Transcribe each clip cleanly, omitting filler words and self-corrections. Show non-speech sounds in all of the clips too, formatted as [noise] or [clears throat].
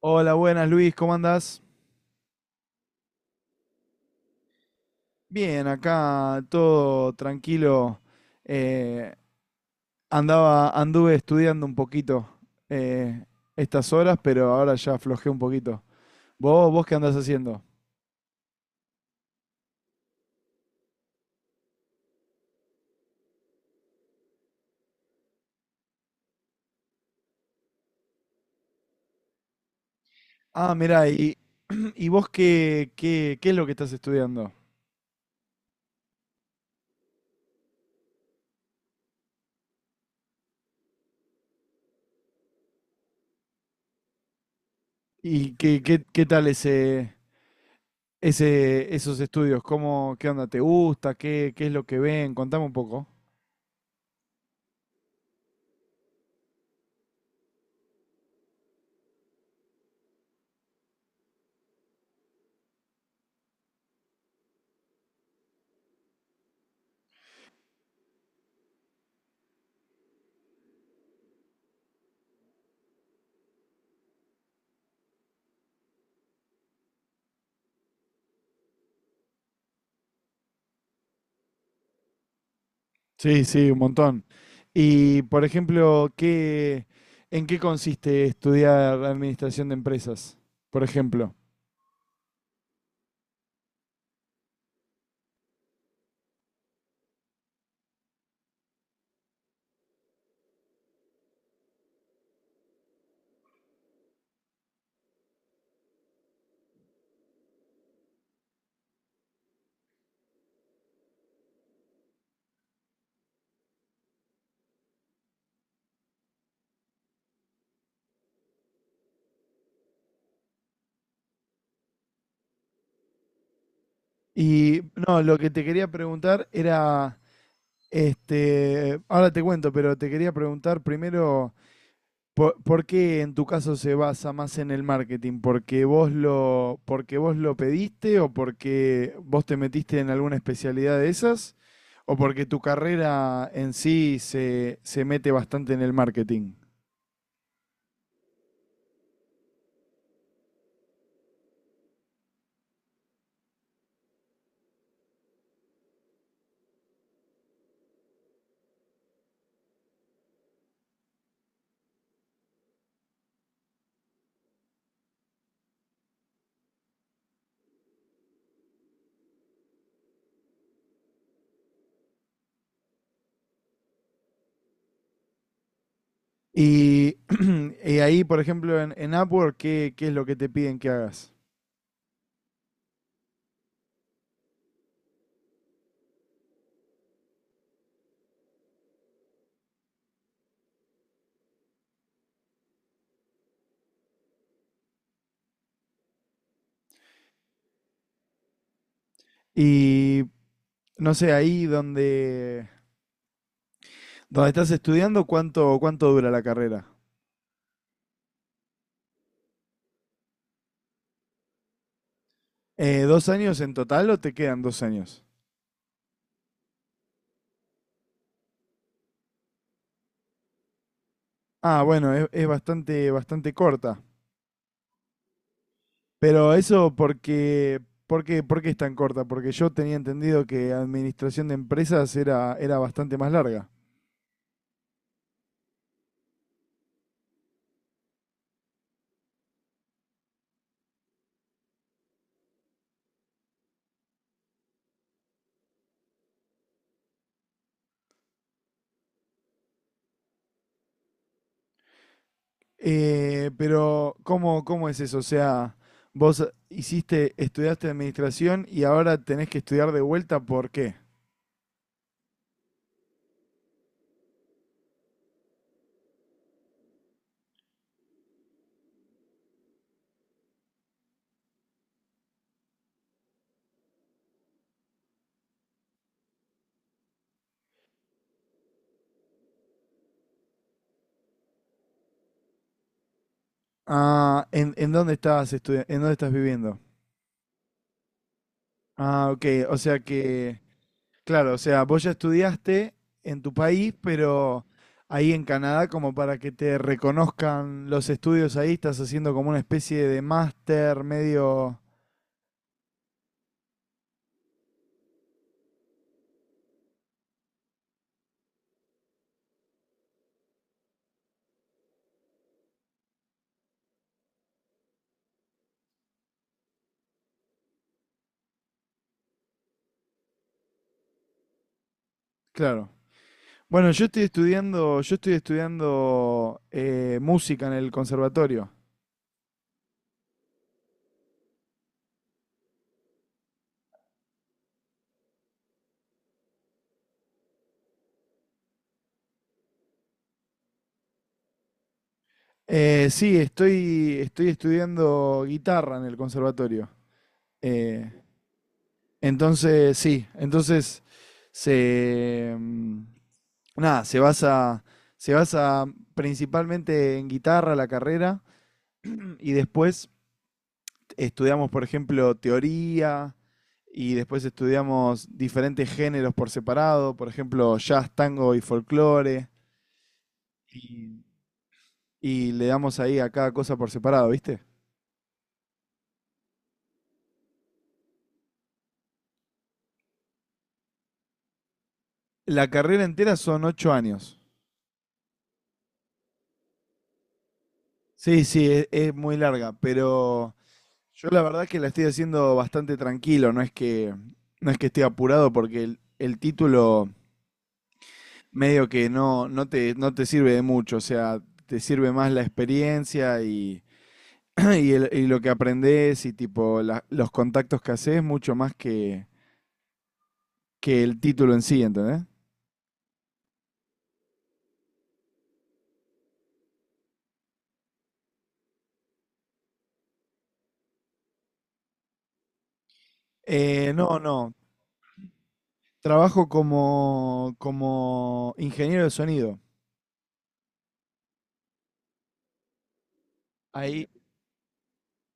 Hola, buenas Luis, ¿cómo andás? Bien, acá todo tranquilo. eh, anduve estudiando un poquito eh, estas horas, pero ahora ya aflojé un poquito. ¿¿Vos qué andás haciendo? Ah, mirá, [clears throat] y vos ¿qué es lo que estás estudiando? ¿Y qué tal esos estudios? ¿Cómo, qué onda te gusta? ¿¿Qué es lo que ven? Contame un poco. Sí, sí, un montón. Y, por ejemplo, ¿en qué consiste estudiar administración de empresas, por ejemplo? Y no, lo que te quería preguntar era, este, ahora te cuento, pero te quería preguntar primero. ¿¿Por qué en tu caso se basa más en el marketing? ¿Porque porque vos lo pediste o porque vos te metiste en alguna especialidad de esas? ¿O porque tu carrera en sí se mete bastante en el marketing? Y, [clears throat] y ahí, por ejemplo, en Upwork, ¿qué es lo que te piden que hagas? Y no sé, donde estás estudiando, ¿cuánto dura la carrera? ¿Dos años en total o te quedan dos años? Ah, bueno, es bastante, bastante corta. Pero eso porque, ¿por qué es tan corta? Porque yo tenía entendido que administración de empresas era bastante más larga. Pero, ¿cómo es eso? O sea, estudiaste administración y ahora tenés que estudiar de vuelta, ¿por qué? Ah, en dónde estás en dónde estás viviendo? Ah, ok, o sea que claro, o sea, vos ya estudiaste en tu país, pero ahí en Canadá, como para que te reconozcan los estudios ahí, estás haciendo como una especie de máster medio... Claro. Bueno, yo estoy estudiando música en el conservatorio. Sí, estoy estudiando guitarra en el conservatorio. Eh, Entonces, sí, entonces se mm, nada, se basa principalmente en guitarra la carrera [clears throat] y después estudiamos, por ejemplo, teoría y después estudiamos diferentes géneros por separado, por ejemplo, jazz, tango y folclore y, y le damos ahí a cada cosa por separado, ¿viste? La carrera entera son 8 años. Sí, sí, es muy larga, pero yo la verdad que la estoy haciendo bastante tranquilo, no es que esté apurado porque el título medio que no, no te sirve de mucho, o sea, te sirve más la experiencia [clears throat] y, y lo que aprendés y tipo los contactos que haces mucho más que el título en sí, ¿entendés? No, no, trabajo como ingeniero de sonido. Ahí,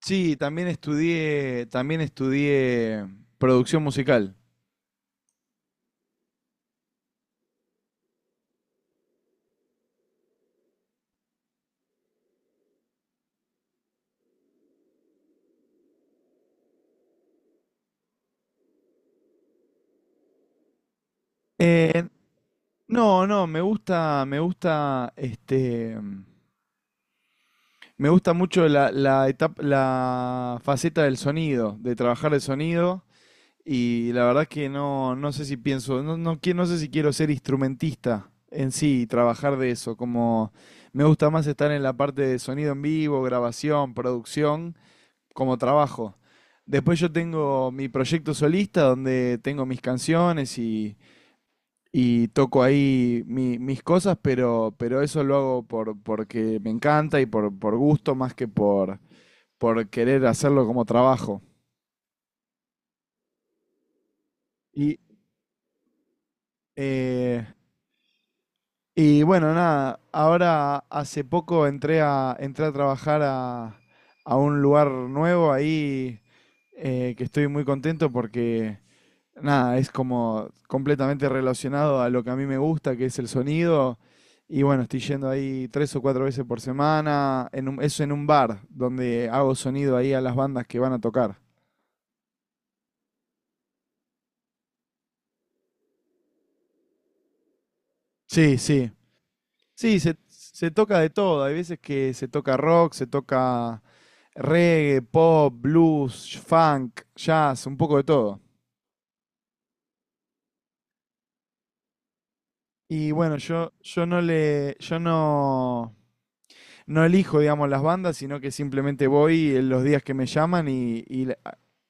sí, también estudié producción musical. Eh, No, no, me gusta mucho la etapa, la faceta del sonido, de trabajar el sonido, y la verdad que no, no sé si pienso, no, no, no sé si quiero ser instrumentista en sí y trabajar de eso, como me gusta más estar en la parte de sonido en vivo, grabación, producción, como trabajo. Después yo tengo mi proyecto solista donde tengo mis canciones y toco ahí mis cosas, pero eso lo hago por, porque me encanta y por gusto más que por querer hacerlo como trabajo. Y, eh, y bueno, nada, ahora hace poco entré a trabajar a un lugar nuevo ahí que estoy muy contento porque nada, es como completamente relacionado a lo que a mí me gusta, que es el sonido. Y bueno, estoy yendo ahí tres o cuatro veces por semana. Eso en un bar, donde hago sonido ahí a las bandas que van a tocar. Sí, sí. Sí, se toca de todo. Hay veces que se toca rock, se toca reggae, pop, blues, funk, jazz, un poco de todo. Y bueno, yo no, no elijo, digamos, las bandas, sino que simplemente voy en los días que me llaman y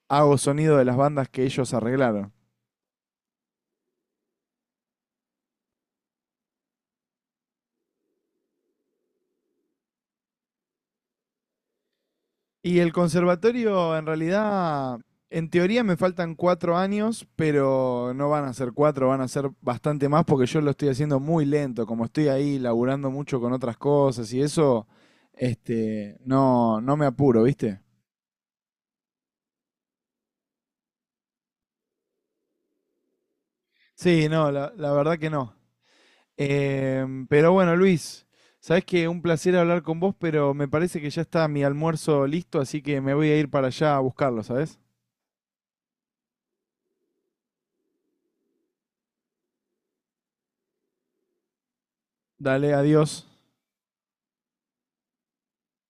hago sonido de las bandas que ellos arreglaron. Y el conservatorio, en realidad, en teoría me faltan 4 años, pero no van a ser 4, van a ser bastante más porque yo lo estoy haciendo muy lento, como estoy ahí laburando mucho con otras cosas y eso, este, no, no me apuro, ¿viste? Sí, no, la verdad que no. Em, pero bueno, Luis, sabes que un placer hablar con vos, pero me parece que ya está mi almuerzo listo, así que me voy a ir para allá a buscarlo, ¿sabes? Dale, adiós.